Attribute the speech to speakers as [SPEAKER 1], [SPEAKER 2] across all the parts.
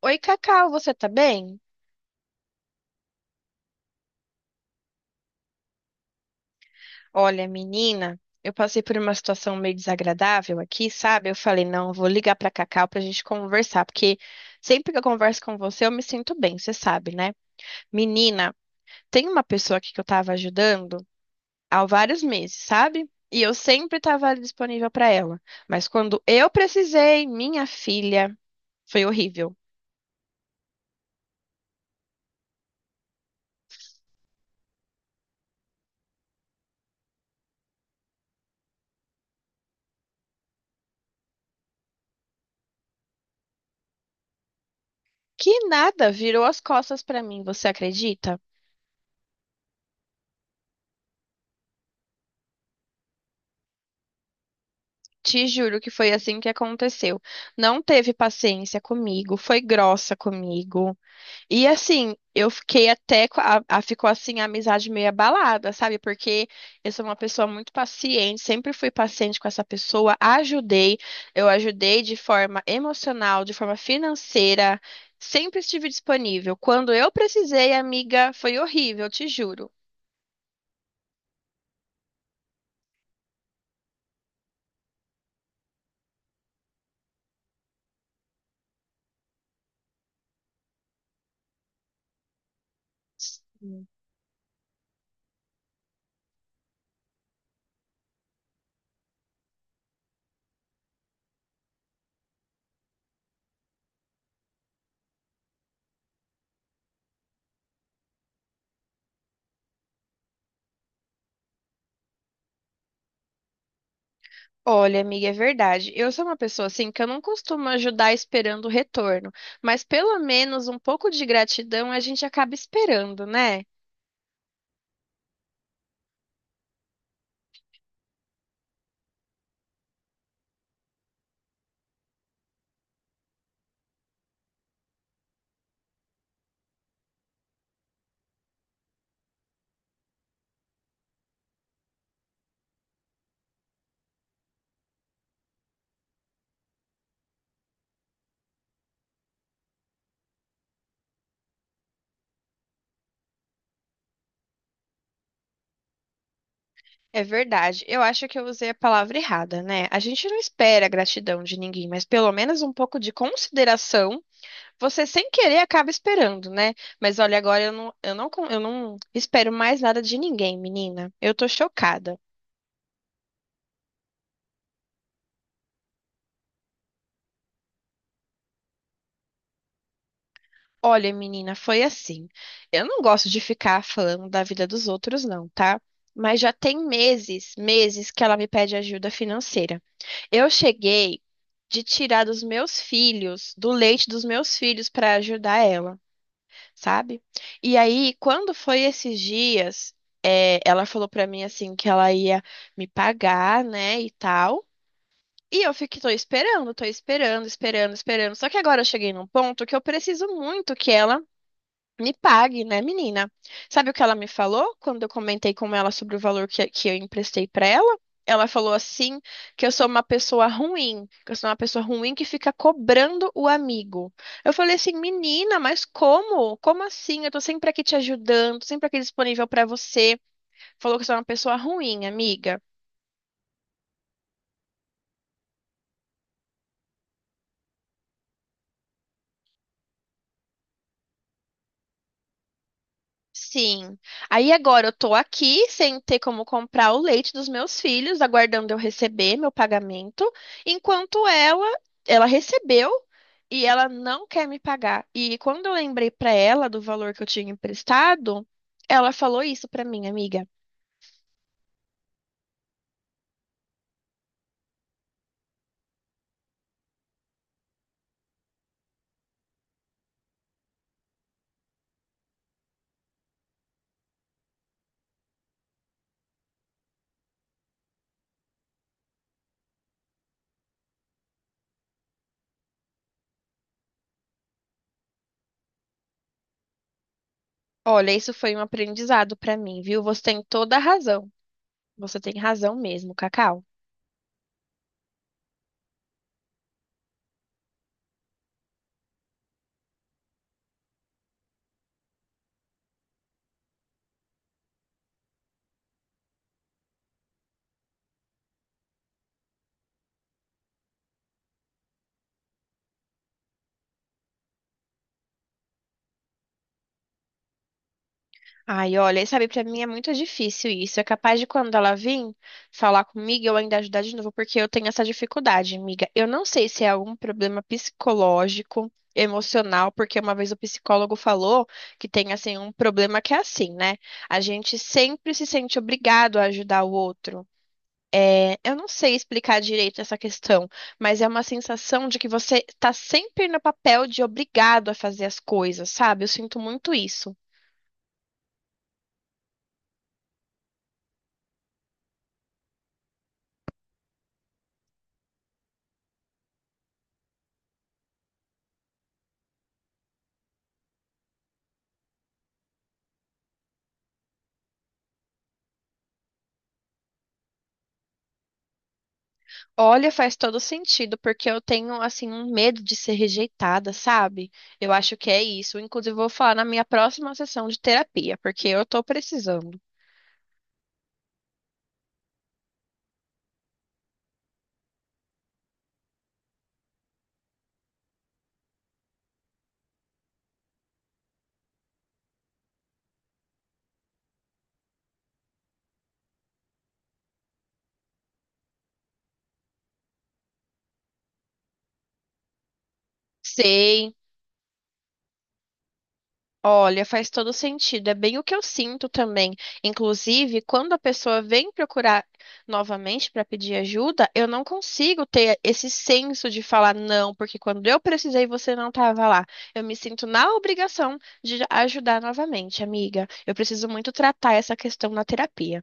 [SPEAKER 1] Oi, Cacau, você tá bem? Olha, menina, eu passei por uma situação meio desagradável aqui, sabe? Eu falei, não, eu vou ligar pra Cacau pra gente conversar, porque sempre que eu converso com você, eu me sinto bem, você sabe, né? Menina, tem uma pessoa aqui que eu tava ajudando há vários meses, sabe? E eu sempre tava ali disponível pra ela. Mas quando eu precisei, minha filha, foi horrível. Que nada, virou as costas pra mim, você acredita? Te juro que foi assim que aconteceu. Não teve paciência comigo, foi grossa comigo. E assim, eu fiquei até. Co- A, a- ficou assim a amizade meio abalada, sabe? Porque eu sou uma pessoa muito paciente, sempre fui paciente com essa pessoa, ajudei. Eu ajudei de forma emocional, de forma financeira, sempre estive disponível. Quando eu precisei, amiga, foi horrível, te juro. Olha, amiga, é verdade. Eu sou uma pessoa assim que eu não costumo ajudar esperando o retorno, mas pelo menos um pouco de gratidão a gente acaba esperando, né? É verdade. Eu acho que eu usei a palavra errada, né? A gente não espera a gratidão de ninguém, mas pelo menos um pouco de consideração você sem querer acaba esperando, né? Mas olha, agora eu não espero mais nada de ninguém, menina. Eu tô chocada. Olha, menina, foi assim. Eu não gosto de ficar falando da vida dos outros, não, tá? Mas já tem meses, meses que ela me pede ajuda financeira. Eu cheguei de tirar dos meus filhos, do leite dos meus filhos, para ajudar ela, sabe? E aí, quando foi esses dias, ela falou para mim assim que ela ia me pagar, né, e tal. E eu fiquei, tô esperando, esperando, esperando. Só que agora eu cheguei num ponto que eu preciso muito que ela me pague, né, menina? Sabe o que ela me falou quando eu comentei com ela sobre o valor que eu emprestei pra ela? Ela falou assim que eu sou uma pessoa ruim, que eu sou uma pessoa ruim que fica cobrando o amigo. Eu falei assim, menina, mas como? Como assim? Eu tô sempre aqui te ajudando, tô sempre aqui disponível pra você. Falou que eu sou uma pessoa ruim, amiga. Sim. Aí agora eu tô aqui sem ter como comprar o leite dos meus filhos, aguardando eu receber meu pagamento, enquanto ela, ela recebeu e ela não quer me pagar. E quando eu lembrei pra ela do valor que eu tinha emprestado, ela falou isso pra mim, amiga. Olha, isso foi um aprendizado pra mim, viu? Você tem toda a razão. Você tem razão mesmo, Cacau. Ai, olha, sabe, pra mim é muito difícil isso. É capaz de quando ela vir falar comigo, eu ainda ajudar de novo, porque eu tenho essa dificuldade, amiga. Eu não sei se é algum problema psicológico, emocional, porque uma vez o psicólogo falou que tem, assim, um problema que é assim, né? A gente sempre se sente obrigado a ajudar o outro. Eu não sei explicar direito essa questão, mas é uma sensação de que você tá sempre no papel de obrigado a fazer as coisas, sabe? Eu sinto muito isso. Olha, faz todo sentido, porque eu tenho, assim, um medo de ser rejeitada, sabe? Eu acho que é isso. Inclusive, eu vou falar na minha próxima sessão de terapia, porque eu tô precisando. Ser Olha, faz todo sentido. É bem o que eu sinto também. Inclusive, quando a pessoa vem procurar novamente para pedir ajuda, eu não consigo ter esse senso de falar não, porque quando eu precisei, você não estava lá. Eu me sinto na obrigação de ajudar novamente, amiga. Eu preciso muito tratar essa questão na terapia.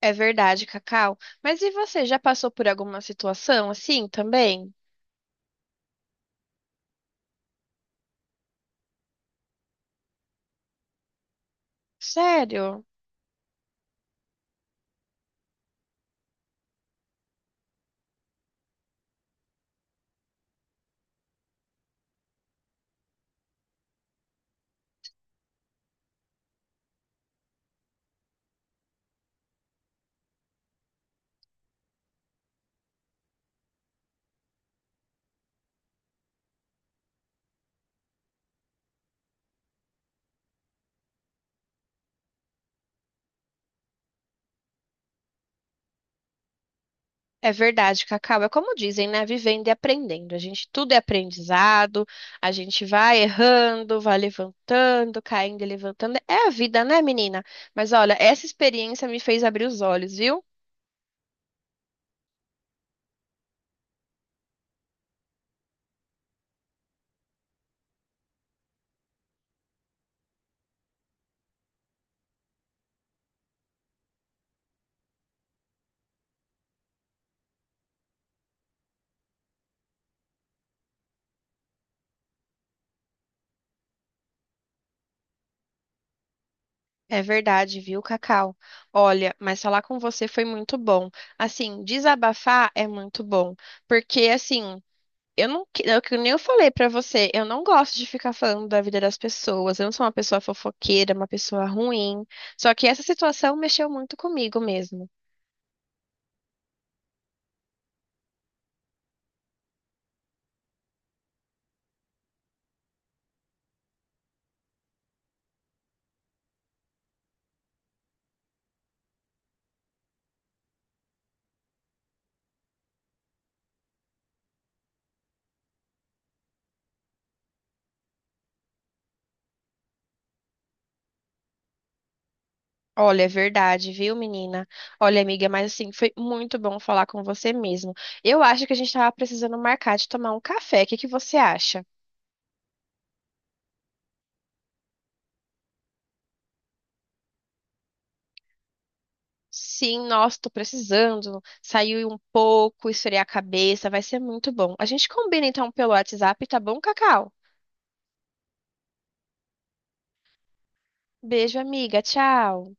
[SPEAKER 1] É verdade, Cacau. Mas e você já passou por alguma situação assim também? Sério? É verdade, Cacau. É como dizem, né? Vivendo e aprendendo. A gente tudo é aprendizado, a gente vai errando, vai levantando, caindo e levantando. É a vida, né, menina? Mas olha, essa experiência me fez abrir os olhos, viu? É verdade, viu, Cacau? Olha, mas falar com você foi muito bom. Assim, desabafar é muito bom, porque assim. Eu não, que- é o que nem eu falei pra você, eu não gosto de ficar falando da vida das pessoas. Eu não sou uma pessoa fofoqueira, uma pessoa ruim. Só que essa situação mexeu muito comigo mesmo. Olha, é verdade, viu, menina? Olha, amiga, mas assim, foi muito bom falar com você mesmo. Eu acho que a gente tava precisando marcar de tomar um café. O que que você acha? Sim, nossa, tô precisando. Saiu um pouco, esfriar a cabeça, vai ser muito bom. A gente combina então pelo WhatsApp, tá bom, Cacau? Beijo, amiga. Tchau.